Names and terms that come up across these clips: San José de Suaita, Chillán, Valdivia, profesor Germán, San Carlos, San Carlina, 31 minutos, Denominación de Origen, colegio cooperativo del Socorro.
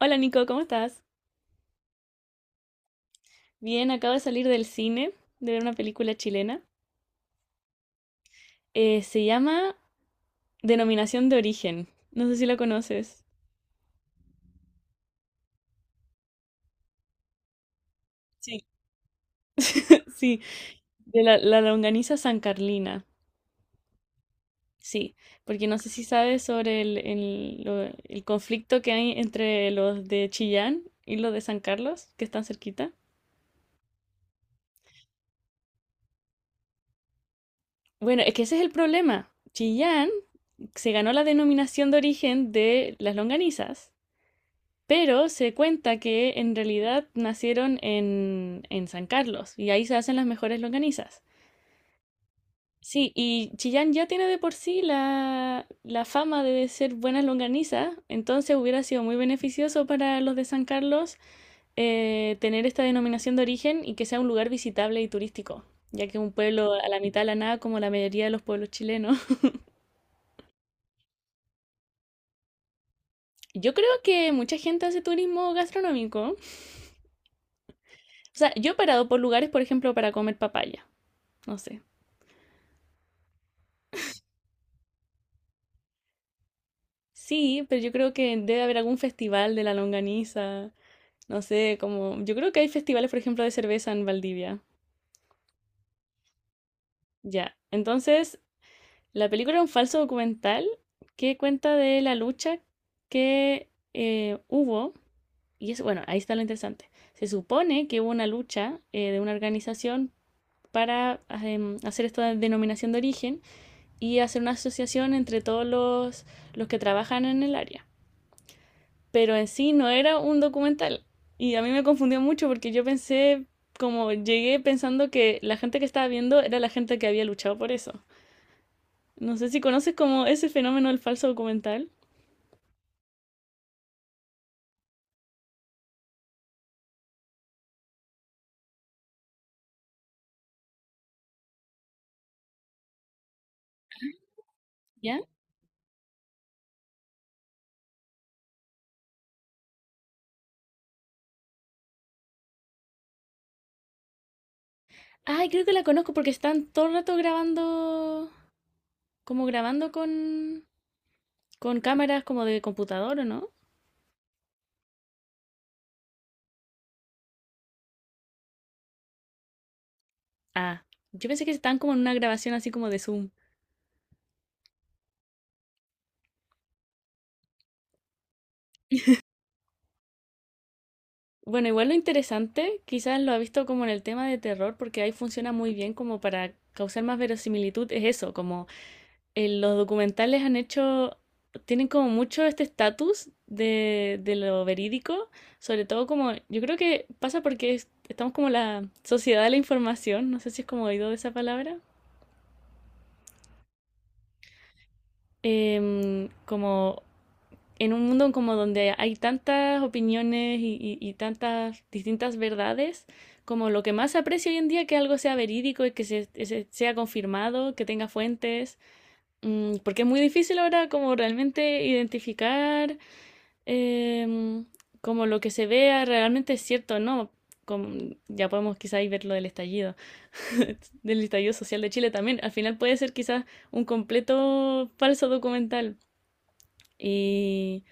Hola Nico, ¿cómo estás? Bien, acabo de salir del cine de ver una película chilena. Se llama Denominación de Origen. No sé si la conoces. Sí. Sí, de la longaniza San Carlina. Sí, porque no sé si sabes sobre el conflicto que hay entre los de Chillán y los de San Carlos, que están cerquita. Bueno, es que ese es el problema. Chillán se ganó la denominación de origen de las longanizas. Pero se cuenta que en realidad nacieron en San Carlos y ahí se hacen las mejores longanizas. Sí, y Chillán ya tiene de por sí la fama de ser buenas longanizas, entonces hubiera sido muy beneficioso para los de San Carlos, tener esta denominación de origen y que sea un lugar visitable y turístico, ya que es un pueblo a la mitad de la nada como la mayoría de los pueblos chilenos. Yo creo que mucha gente hace turismo gastronómico. O sea, yo he parado por lugares, por ejemplo, para comer papaya. No sé. Sí, pero yo creo que debe haber algún festival de la longaniza. No sé, como. Yo creo que hay festivales, por ejemplo, de cerveza en Valdivia. Ya. Entonces, la película es un falso documental que cuenta de la lucha que hubo. Y es, bueno, ahí está lo interesante. Se supone que hubo una lucha, de una organización para hacer esta denominación de origen y hacer una asociación entre todos los que trabajan en el área. Pero en sí no era un documental. Y a mí me confundió mucho porque yo pensé, como llegué pensando que la gente que estaba viendo era la gente que había luchado por eso. No sé si conoces como ese fenómeno del falso documental. ¿Ya? Ay, creo que la conozco porque están todo el rato grabando, como grabando con cámaras como de computador, ¿o no? Ah, yo pensé que estaban como en una grabación así como de Zoom. Bueno, igual lo interesante, quizás lo ha visto como en el tema de terror, porque ahí funciona muy bien como para causar más verosimilitud, es eso, como los documentales han hecho, tienen como mucho este estatus de lo verídico, sobre todo como, yo creo que pasa porque es- estamos como la sociedad de la información, no sé si es como oído de esa palabra. Como en un mundo como donde hay tantas opiniones y, y tantas distintas verdades, como lo que más aprecio hoy en día que algo sea verídico y que se- sea confirmado, que tenga fuentes. Mm, porque es muy difícil ahora como realmente identificar em, como lo que se vea realmente es cierto o no. Como, ya podemos quizás ver lo del estallido, del estallido social de Chile también. Al final puede ser quizás un completo falso documental. Y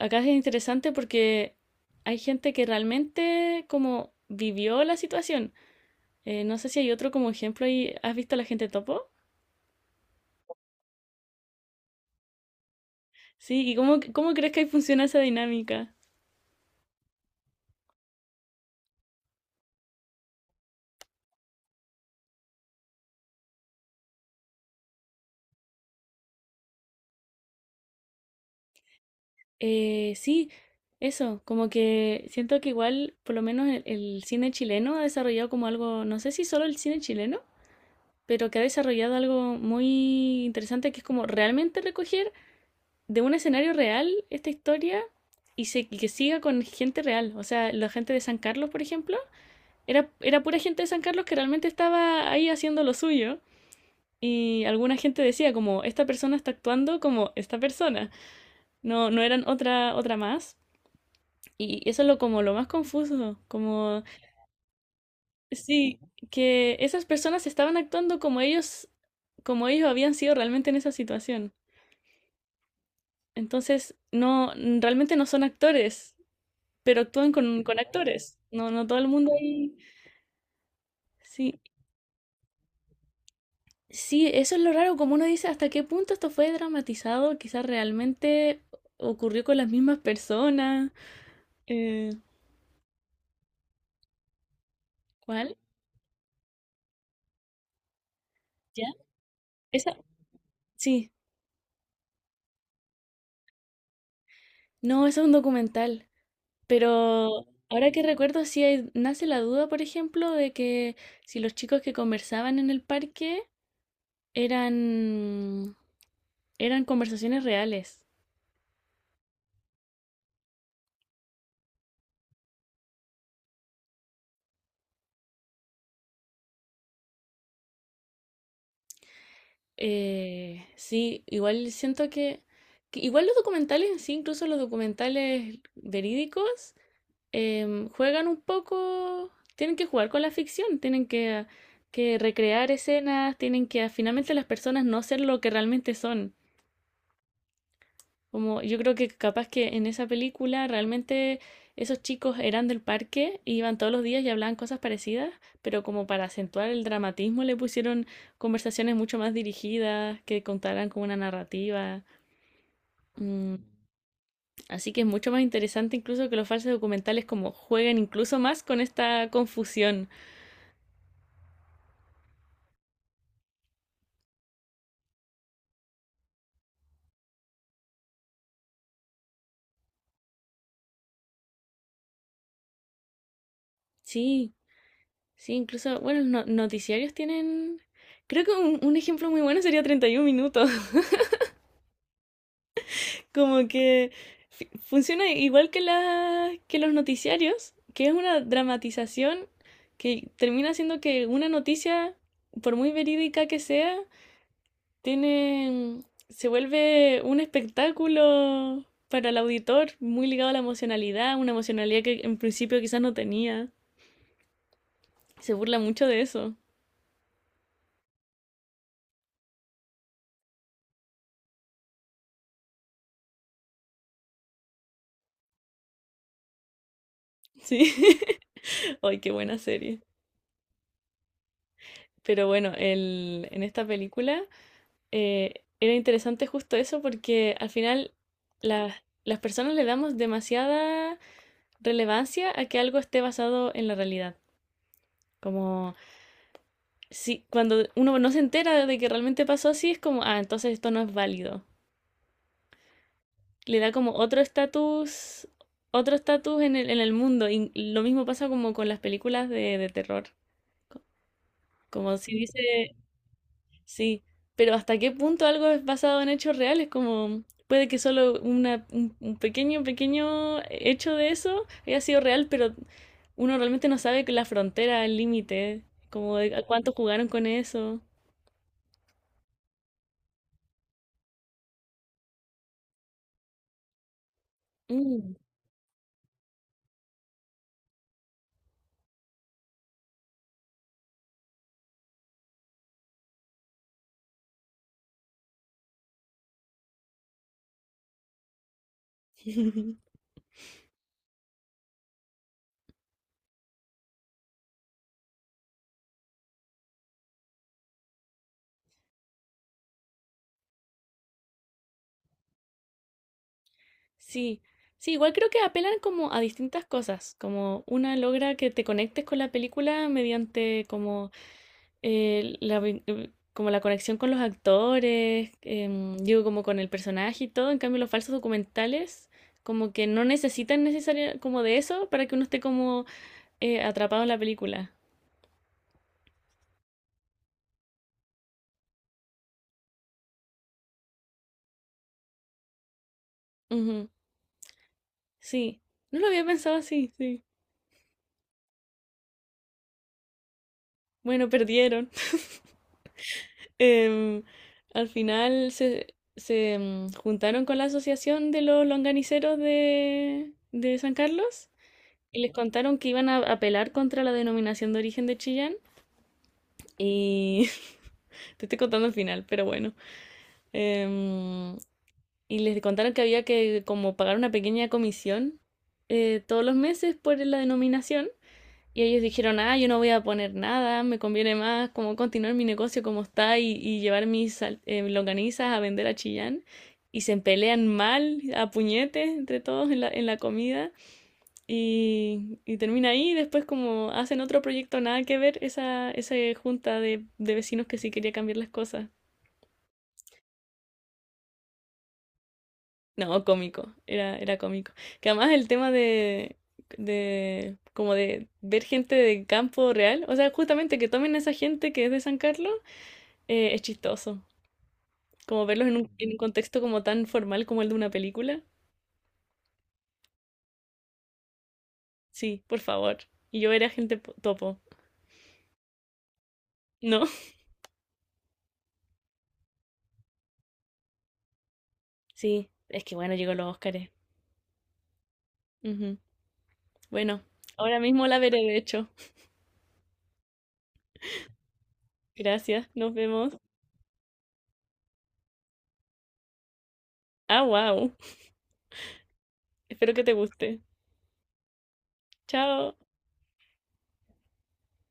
acá es interesante porque hay gente que realmente como vivió la situación. No sé si hay otro como ejemplo ahí. ¿Has visto a la gente topo? Sí, ¿y cómo crees que ahí funciona esa dinámica? Sí, eso, como que siento que igual, por lo menos el cine chileno ha desarrollado como algo, no sé si solo el cine chileno, pero que ha desarrollado algo muy interesante que es como realmente recoger de un escenario real esta historia y, se, y que siga con gente real. O sea, la gente de San Carlos, por ejemplo, era pura gente de San Carlos que realmente estaba ahí haciendo lo suyo. Y alguna gente decía como, esta persona está actuando como esta persona. No, no eran otra más. Y eso es lo, como lo más confuso. Como, sí, que esas personas estaban actuando como ellos habían sido realmente en esa situación. Entonces, no, realmente no son actores, pero actúan con actores. No, no todo el mundo ahí. Sí, sí, eso es lo raro, como uno dice, hasta qué punto esto fue dramatizado, quizás realmente ocurrió con las mismas personas. Eh, ¿Cuál? ¿Ya? Esa, sí, no, eso es un documental, pero ahora que recuerdo, sí hay- nace la duda, por ejemplo, de que si los chicos que conversaban en el parque eran, eran conversaciones reales. Sí, igual siento que igual los documentales en sí, incluso los documentales verídicos, juegan un poco, tienen que jugar con la ficción, tienen que recrear escenas, tienen que finalmente las personas no ser lo que realmente son. Como yo creo que capaz que en esa película realmente esos chicos eran del parque, iban todos los días y hablaban cosas parecidas, pero como para acentuar el dramatismo le pusieron conversaciones mucho más dirigidas, que contaran con una narrativa. Mm, así que es mucho más interesante incluso que los falsos documentales como jueguen incluso más con esta confusión. Sí, sí, incluso, bueno, los no- noticiarios tienen... Creo que un ejemplo muy bueno sería 31 minutos. Como que fi- funciona igual que, la, que los noticiarios, que es una dramatización que termina siendo que una noticia, por muy verídica que sea, tiene, se vuelve un espectáculo para el auditor muy ligado a la emocionalidad, una emocionalidad que en principio quizás no tenía. Se burla mucho de eso. Sí. Ay, qué buena serie. Pero bueno, el, en esta película, eh, era interesante justo eso porque al final las personas le damos demasiada relevancia a que algo esté basado en la realidad. Como si cuando uno no se entera de que realmente pasó así, es como, ah, entonces esto no es válido. Le da como otro estatus en en el mundo. Y lo mismo pasa como con las películas de terror. Como si dice, sí, pero ¿hasta qué punto algo es basado en hechos reales? Como puede que solo una, un pequeño, pequeño hecho de eso haya sido real, pero uno realmente no sabe que la frontera, el límite, como de a cuánto jugaron con eso. Mm. Sí, sí, igual creo que apelan como a distintas cosas, como una logra que te conectes con la película mediante como como la conexión con los actores, digo, como con el personaje y todo. En cambio, los falsos documentales, como que no necesitan necesariamente como de eso para que uno esté como atrapado en la película. Ujú, sí, no lo había pensado así, sí. Bueno, perdieron. Em, Al final se, se juntaron con la asociación de los longaniceros de San Carlos y les contaron que iban a apelar contra la denominación de origen de Chillán. Y te estoy contando el final, pero bueno. Em, y les contaron que había que como pagar una pequeña comisión, todos los meses por la denominación. Y ellos dijeron, ah, yo no voy a poner nada, me conviene más como continuar mi negocio como está y llevar mis longanizas a vender a Chillán. Y se pelean mal, a puñetes entre todos en en la comida. Y termina ahí y después como hacen otro proyecto nada que ver esa junta de vecinos que sí quería cambiar las cosas. No, cómico, era cómico. Que además el tema de como de ver gente de campo real, o sea, justamente que tomen a esa gente que es de San Carlos, es chistoso. Como verlos en un contexto como tan formal como el de una película. Sí, por favor. Y yo era gente po- topo. ¿No? Sí, es que bueno, llegó los Óscares. Ujú. Bueno, ahora mismo la veré, de hecho. Gracias, nos vemos. Ah, wow. Espero que te guste. Chao.